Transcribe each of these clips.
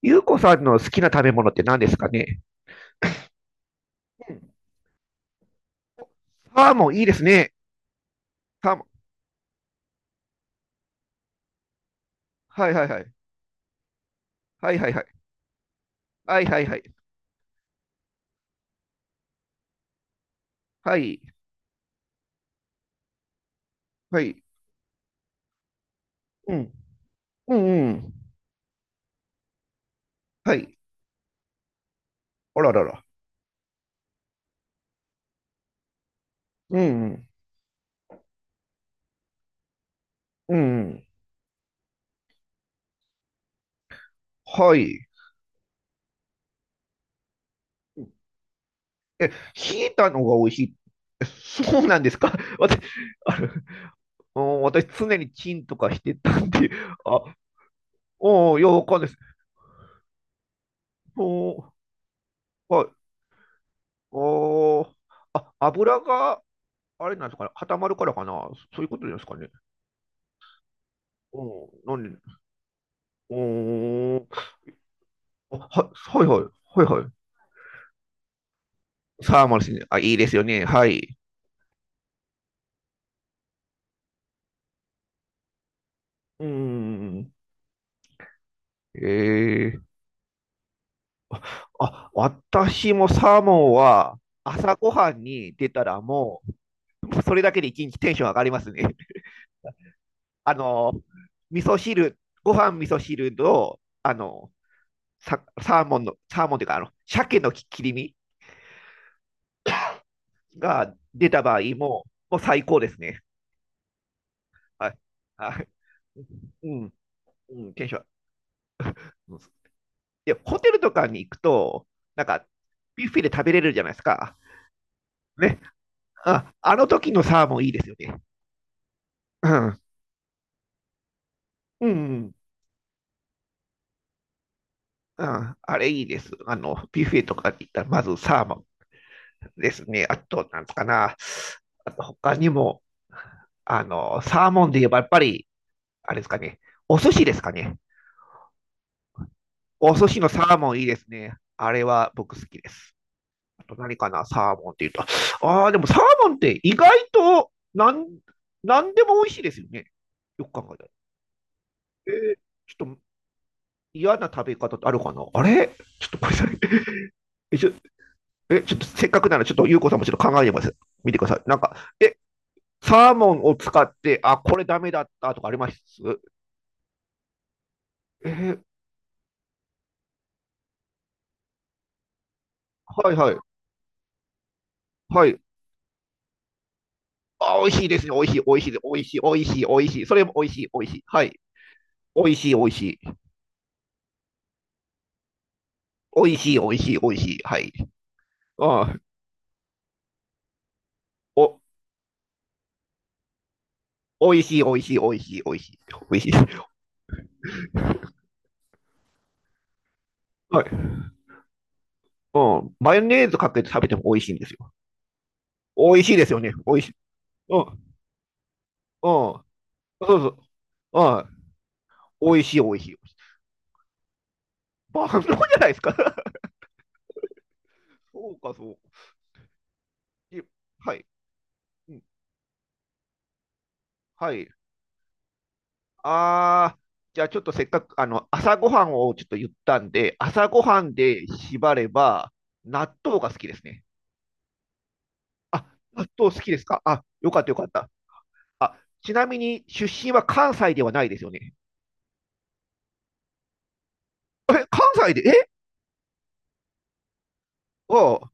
ゆうこさんの好きな食べ物って何ですかね。うん。サーモンいいですね。サーモン。はいはいはい。はいはいはい。はいはいはい。はい。はい。うん。うんうん。はい。あららら。うんうん。うんうん。はい。ひいたのが美味しい。そうなんですか。 私、あれ、うん、私常にチンとかしてたんで、あ、おお、ようわかんないです。おー、はい。おー、あ、油が、あれなんですかね、固まるからかな、そういうことですかね。うん、なんで、うーん。はいはい。はいはい。サーマルシン、あ、いいですよね。はい。うん。ええ。あ、私もサーモンは朝ごはんに出たらもう、それだけで一日テンション上がりますね。あの、味噌汁、ご飯味噌汁と、サーモンの、サーモンというか、鮭の切り身が出た場合も、もう最高ですね。はい。はい。うん。うん。テンション。で、ホテルとかに行くと、なんか、ビュッフェで食べれるじゃないですか。ね。あ、あの時のサーモンいいですよね。うん。うん。うん、あれいいです。ビュッフェとかに行ったら、まずサーモンですね。あと、なんかな。あと、他にも、サーモンで言えば、やっぱり、あれですかね。お寿司ですかね。お寿司のサーモンいいですね。あれは僕好きです。と何かな、サーモンって言うと。ああ、でもサーモンって意外となん、なんでも美味しいですよね。よく考えたら。えーちょっと嫌な食べ方ってあるかなあれ、ちょっとごめんなさい。え、ちょ、え、ちょっとせっかくならちょっとゆうこさんもちょっと考えてみます。見てください。なんか、え、サーモンを使って、あ、これダメだったとかあります？えーはいはい。はい。あ、美味しいですね。美味しい、美味しい、美味しい、美味しい、美味しい。それも美味しい、美味しい。はい。美味しい、美味しい。美味しい、美味しい、美味しい。はい。ああ、お、美味しい、美味しい、美味しい、美味しい、おいしい。はい。うん。マヨネーズかけて食べても美味しいんですよ。美味しいですよね。美味しい。うん。うん。そうそう。うん。美味しい、美味しい。万能じゃないですか。そうか、そう。い、はい。うん、はい。あー、じゃあちょっとせっかく、朝ごはんをちょっと言ったんで、朝ごはんで縛れば、納豆が好きですね。あ、納豆好きですか？あ、よかった、よかった。あ、ちなみに出身は関西ではないですよね。え、関西で、え、ああ、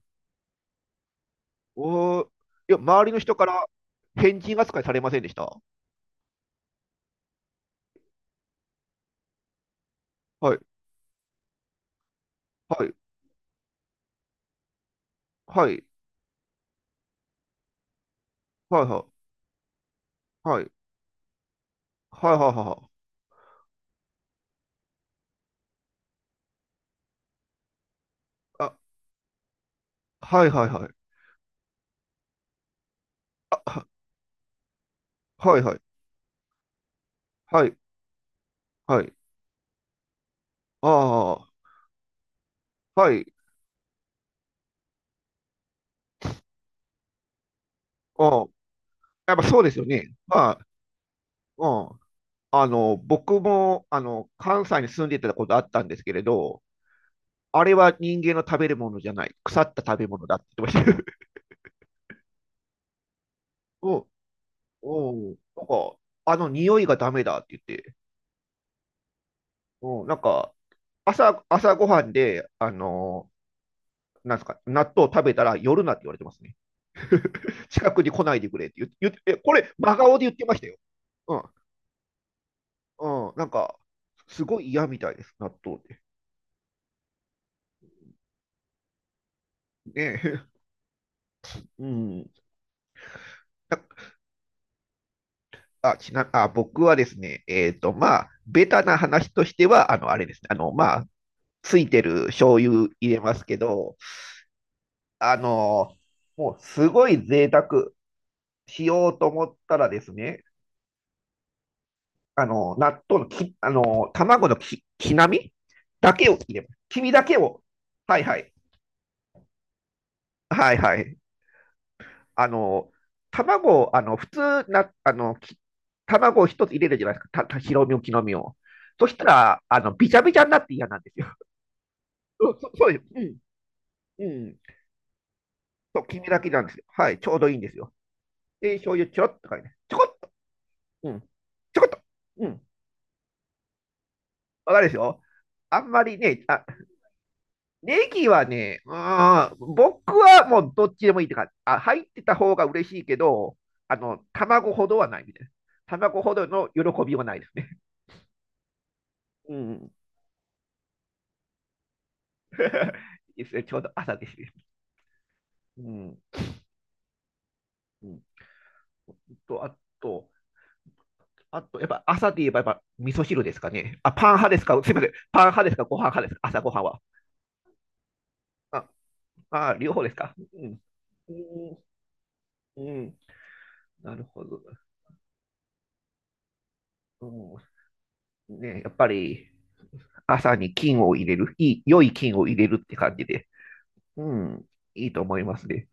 おー、いや、周りの人から変人扱いされませんでした？はい、はい、はい、はい、はい、はい、はい、はい、はい、あ、はい、はい、はい、あ、はい、はい、はい、はい、ああ、はい、ああ、やっぱそうですよね。まあ、うん。僕も、関西に住んでたことあったんですけれど、あれは人間の食べるものじゃない、腐った食べ物だって言ってました。うん、うん、なんか、あの匂いがダメだって言って、うん、なんか、朝ごはんで、なんですか、納豆食べたら夜なって言われてますね。近くに来ないでくれって言って、言ってえ、これ、真顔で言ってましたよ。うん、うん、なんか、すごい嫌みたいです、納豆って。ねえ。 うん。あ、僕はですね、まあ、ベタな話としては、あれですね、まあ、ついてる醤油入れますけど、あのもうすごい贅沢しようと思ったらですね、あの、納豆のき、あの、卵のき、きなみだけを入れます。黄身だけを。はいはい。はいはい。あの、卵を、あの、普通な、あの、き卵を一つ入れるじゃないですか。白身を、黄身を。そしたら、びちゃびちゃになって嫌なんですよ。そうそうそうです。うん。うん。そう、黄身だけなんですよ。はい。ちょうどいいんですよ。で、醤油ちょろっとかね。ちょこっと。うん。ちょこっと。うん。わかるでしょ？あんまりね、あ、ネギはね、うーん、僕はもうどっちでもいいって感じ。あ、入ってた方が嬉しいけど、卵ほどはないみたいな。卵ほどの喜びはないですね。うん。いいですね。ちょうど朝ですね。うん。うん、と、あと、あと、やっぱ朝で言えば、やっぱ味噌汁ですかね。あ、パン派ですか、すみません。パン派ですかご飯派ですか、朝ごはんは。あ、あ、両方ですか、うん。うん。うん。なるほど。うん。ね、やっぱり。朝に金を入れる、いい、良い金を入れるって感じで、うん、いいと思いますね。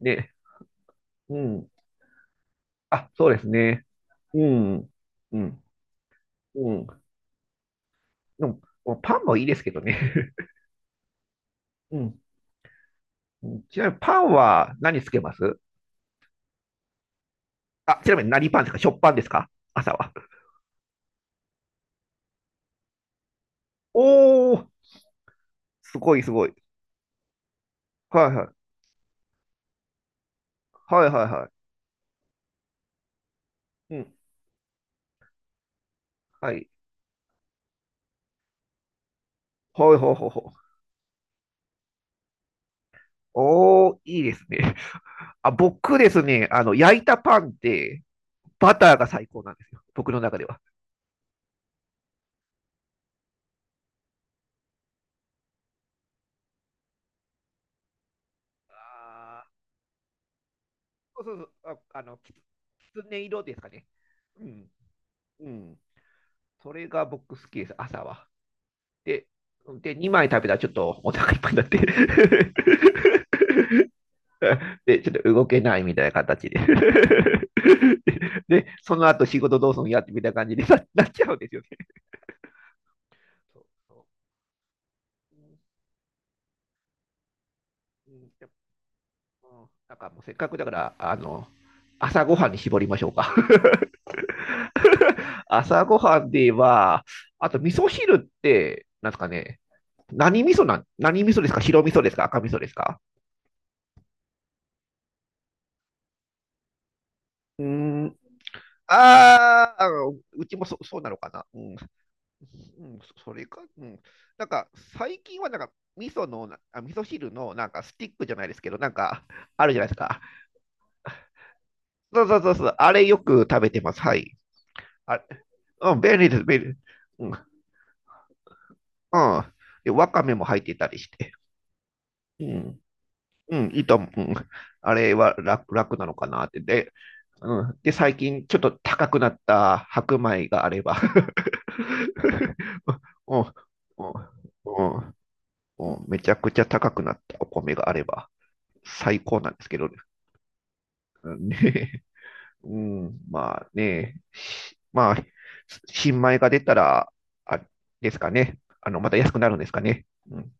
ね、うん。あ、そうですね。うん、うん、うん。でも、パンもいいですけどね。うん。ちなみにパンは何つけます？あ、ちなみに何パンですか、食パンですか、朝は。おー、すごいすごい。はいはい。はいはいはい。うん。はい。はいはいはいはい。おー、いいですね。あ、僕ですね、焼いたパンって、バターが最高なんですよ。僕の中では。あー、そうそうそう、あ、あの、きつね色ですかね。うん。うん。それが僕好きです、朝は。で、で、2枚食べたらちょっとお腹いっぱいになって。で、ちょっと動けないみたいな形で。で、その後仕事どうするんやってみたいな感じにな、なっちゃうんですよね。そうそう。うん、うん、なんかもうせっかくだから、朝ごはんに絞りましょうか。朝ごはんで言えば、あと味噌汁って、なんですかね、何味噌なん、何味噌ですか、白味噌ですか赤味噌ですか？うーん、あー、あの、うちもそ、そうなのかな。うん、うん、そ、それか、うん。なんか、最近はなんか、味噌のな、あ、味噌汁のなんかスティックじゃないですけど、なんか、あるじゃないですか。そうそうそうそう、あれよく食べてます。はい。あ、うん、便利です、便利。うん。うん。で、わかめも入ってたりして。うん。うん、いいと思う。うん、あれは楽、楽なのかなって。で、うん。で、最近ちょっと高くなった白米があれば。うん、うん、うん、うん、めちゃくちゃ高くなったお米があれば最高なんですけどね。うん、ね、うん、まあね、し、まあ、新米が出たら、あ、ですかね。また安くなるんですかね。うん